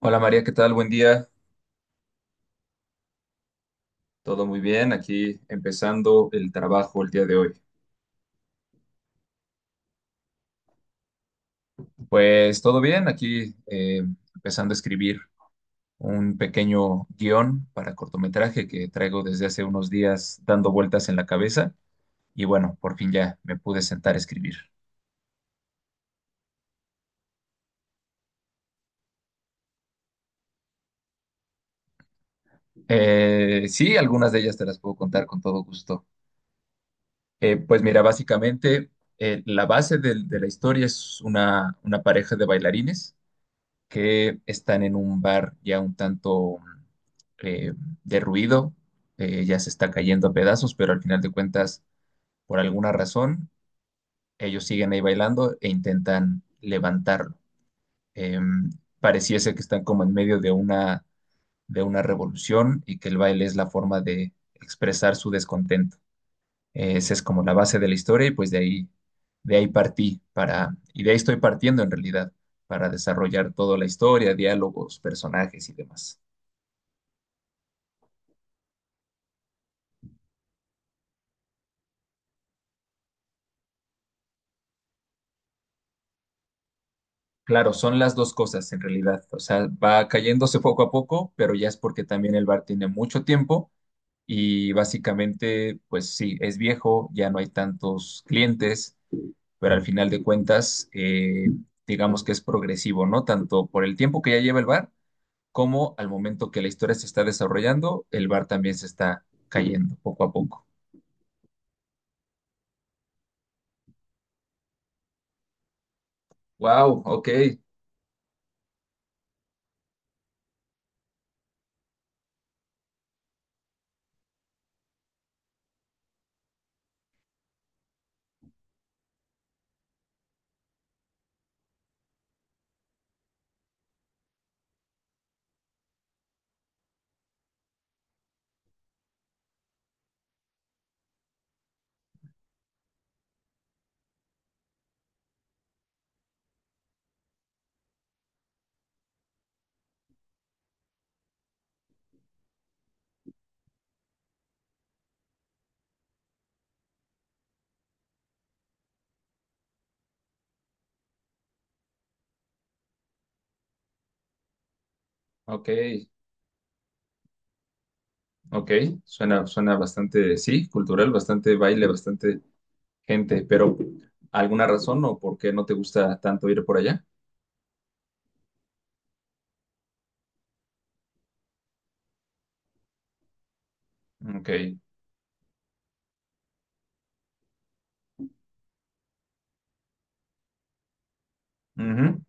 Hola María, ¿qué tal? Buen día. Todo muy bien. Aquí empezando el trabajo el día de hoy. Pues todo bien. Aquí empezando a escribir un pequeño guión para cortometraje que traigo desde hace unos días dando vueltas en la cabeza. Y bueno, por fin ya me pude sentar a escribir. Sí, algunas de ellas te las puedo contar con todo gusto. Pues mira, básicamente la base de la historia es una pareja de bailarines que están en un bar ya un tanto eh, derruido, ya se está cayendo a pedazos, pero al final de cuentas, por alguna razón, ellos siguen ahí bailando e intentan levantarlo. Eh, Pareciese que están como en medio de de una revolución y que el baile es la forma de expresar su descontento. Esa es como la base de la historia y pues de ahí partí y de ahí estoy partiendo en realidad, para desarrollar toda la historia, diálogos, personajes y demás. Claro, son las dos cosas en realidad. O sea, va cayéndose poco a poco, pero ya es porque también el bar tiene mucho tiempo y básicamente, pues sí, es viejo, ya no hay tantos clientes, pero al final de cuentas, digamos que es progresivo, ¿no? Tanto por el tiempo que ya lleva el bar cómo al momento que la historia se está desarrollando, el bar también se está cayendo poco a poco. Wow, ok, ok, ok. Suena bastante, sí, cultural, bastante baile, bastante gente, pero ¿alguna razón o por qué no te gusta tanto ir por allá? Ok, ujú.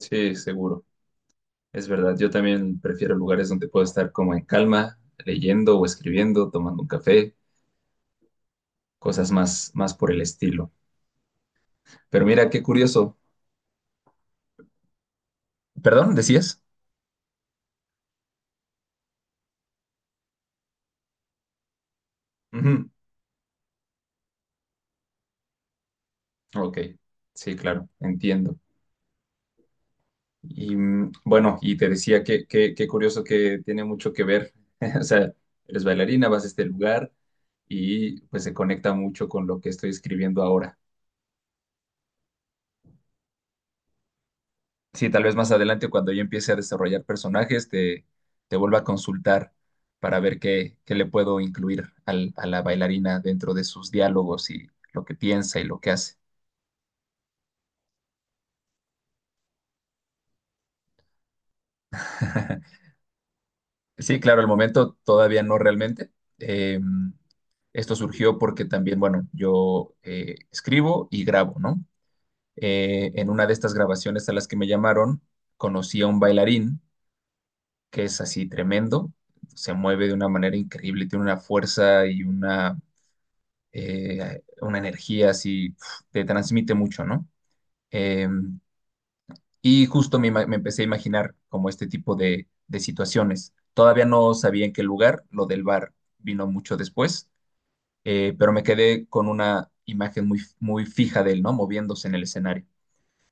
Sí, seguro. Es verdad, yo también prefiero lugares donde puedo estar como en calma, leyendo o escribiendo, tomando un café, más por el estilo. Pero mira, qué curioso. Perdón, decías. Ujú. Ok, sí, claro, entiendo. Y mm, bueno, y te decía que qué curioso que tiene mucho que ver. O sea, eres bailarina, vas a este lugar y pues se conecta mucho con lo que estoy escribiendo ahora. Sí, tal vez más adelante cuando yo empiece a desarrollar personajes, te vuelva a consultar para ver qué le puedo incluir a la bailarina dentro de sus diálogos y lo que piensa y lo que hace. Sí, claro, al momento todavía no realmente. Eh, Esto surgió porque también, bueno, yo escribo y grabo, ¿no? En una de estas grabaciones a las que me llamaron, conocí a un bailarín que es así tremendo, se mueve de una manera increíble, tiene una fuerza y una energía así, uf, te transmite mucho, ¿no? Eh, Y justo me empecé a imaginar como este tipo de situaciones. Todavía no sabía en qué lugar, lo del bar vino mucho después, pero me quedé con una imagen muy fija de él, ¿no? Moviéndose en el escenario.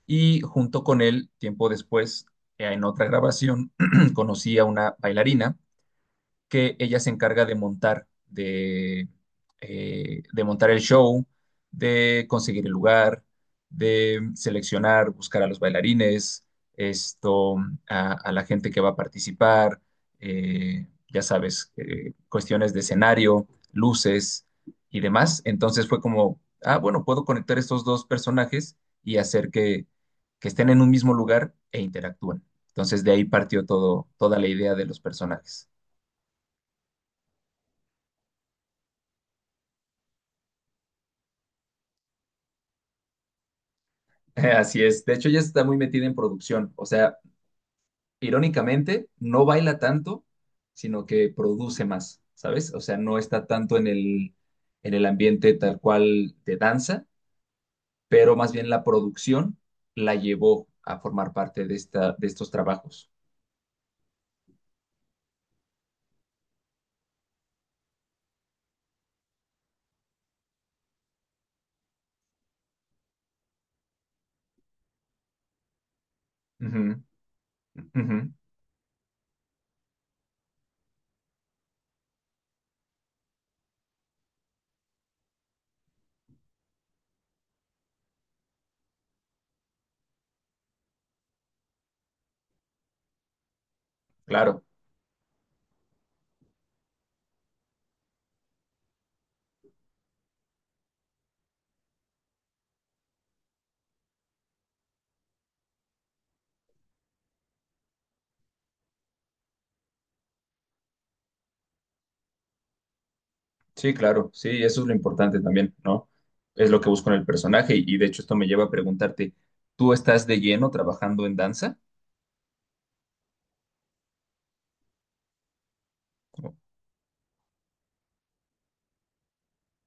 Y junto con él, tiempo después, en otra grabación, conocí a una bailarina que ella se encarga de de montar el show, de conseguir el lugar, de seleccionar, buscar a los bailarines, esto, a la gente que va a participar, ya sabes, cuestiones de escenario, luces y demás. Entonces fue como, ah, bueno, puedo conectar estos dos personajes y hacer que estén en un mismo lugar e interactúen. Entonces de ahí partió todo, toda la idea de los personajes. Así es. De hecho, ella está muy metida en producción. O sea, irónicamente, no baila tanto, sino que produce más, ¿sabes? O sea, no está tanto en el ambiente tal cual de danza, pero más bien la producción la llevó a formar parte de esta, de estos trabajos. Ujú, ujú. Claro, sí, claro, sí, eso es lo importante también, ¿no? Es lo que busco en el personaje y de hecho esto me lleva a preguntarte, ¿tú estás de lleno trabajando en danza?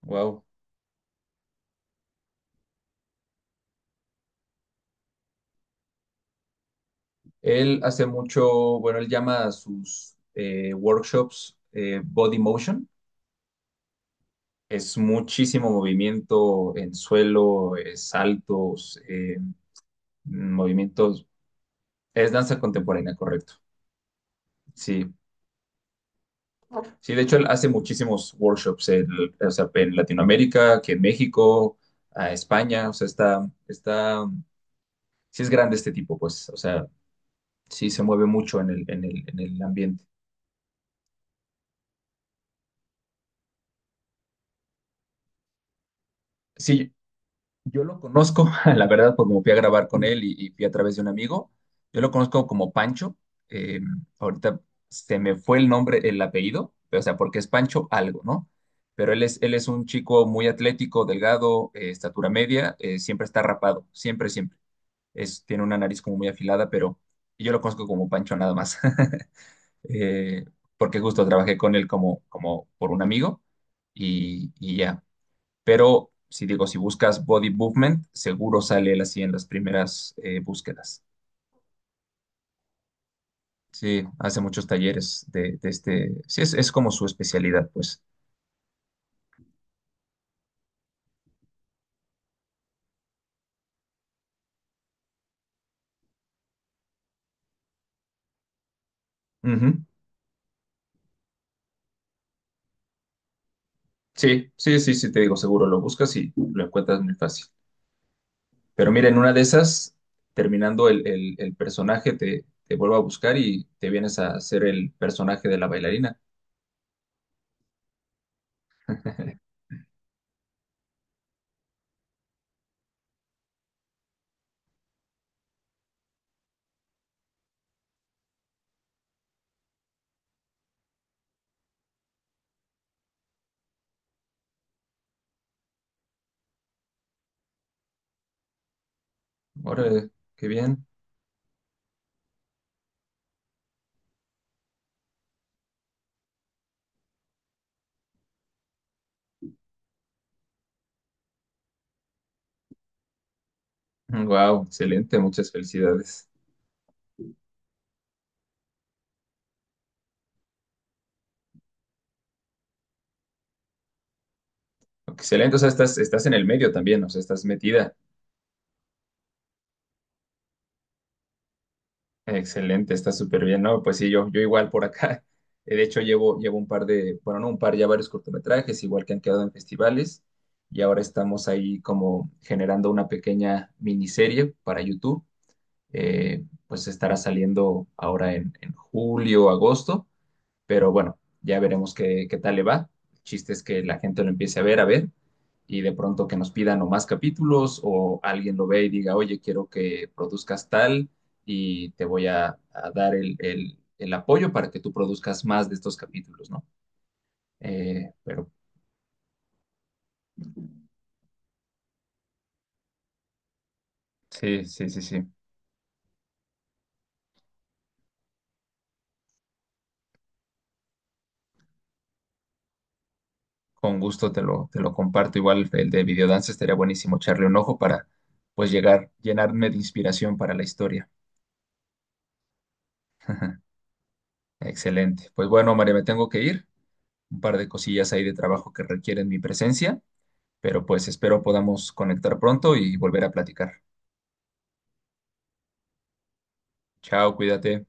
Wow. Él hace mucho, bueno, él llama a sus workshops body motion. Es muchísimo movimiento en suelo, saltos, movimientos. Es danza contemporánea, correcto. Sí, sí, de hecho él hace muchísimos workshops en, o sea, en Latinoamérica, aquí en México, a España, o sea, está, sí es grande este tipo, pues, o sea, sí se mueve mucho en el ambiente. Sí, yo lo conozco, la verdad, porque como fui a grabar con él y fui a través de un amigo. Yo lo conozco como Pancho. eh, ahorita se me fue el nombre, el apellido, pero, o sea, porque es Pancho algo, ¿no? Pero él es un chico muy atlético, delgado, estatura media, siempre está rapado, siempre, siempre. Es, tiene una nariz como muy afilada, pero yo lo conozco como Pancho nada más. Eh, Porque justo trabajé con él como, como por un amigo y ya. Pero si digo, si buscas body movement, seguro sale él así en las primeras búsquedas. Sí, hace muchos talleres de este. Sí, es como su especialidad, pues. Ujú. Sí, sí, sí, sí, te digo, seguro lo buscas y lo encuentras muy fácil. Pero mira, en una de esas, terminando el personaje, te vuelvo a buscar y te vienes a hacer el personaje de la bailarina. Órale, qué bien. Wow, excelente, muchas felicidades. Excelente, o sea, estás en el medio también, o sea, estás metida. Excelente, está súper bien, ¿no? Pues sí, yo igual por acá. De hecho, llevo un par de, bueno, no un par, ya varios cortometrajes, igual que han quedado en festivales, y ahora estamos ahí como generando una pequeña miniserie para YouTube. Pues estará saliendo ahora en julio, agosto, pero bueno, ya veremos qué tal le va. El chiste es que la gente lo empiece a ver, y de pronto que nos pidan o más capítulos o alguien lo ve y diga, oye, quiero que produzcas tal y te voy a dar el apoyo para que tú produzcas más de estos capítulos, ¿no? Pero sí, sí, sí, sí. Con gusto te lo comparto. Igual el de videodance estaría buenísimo echarle un ojo para pues llegar, llenarme de inspiración para la historia. Excelente. Pues bueno, María, me tengo que ir. Un par de cosillas ahí de trabajo que requieren mi presencia, pero pues espero podamos conectar pronto y volver a platicar. Chao, cuídate.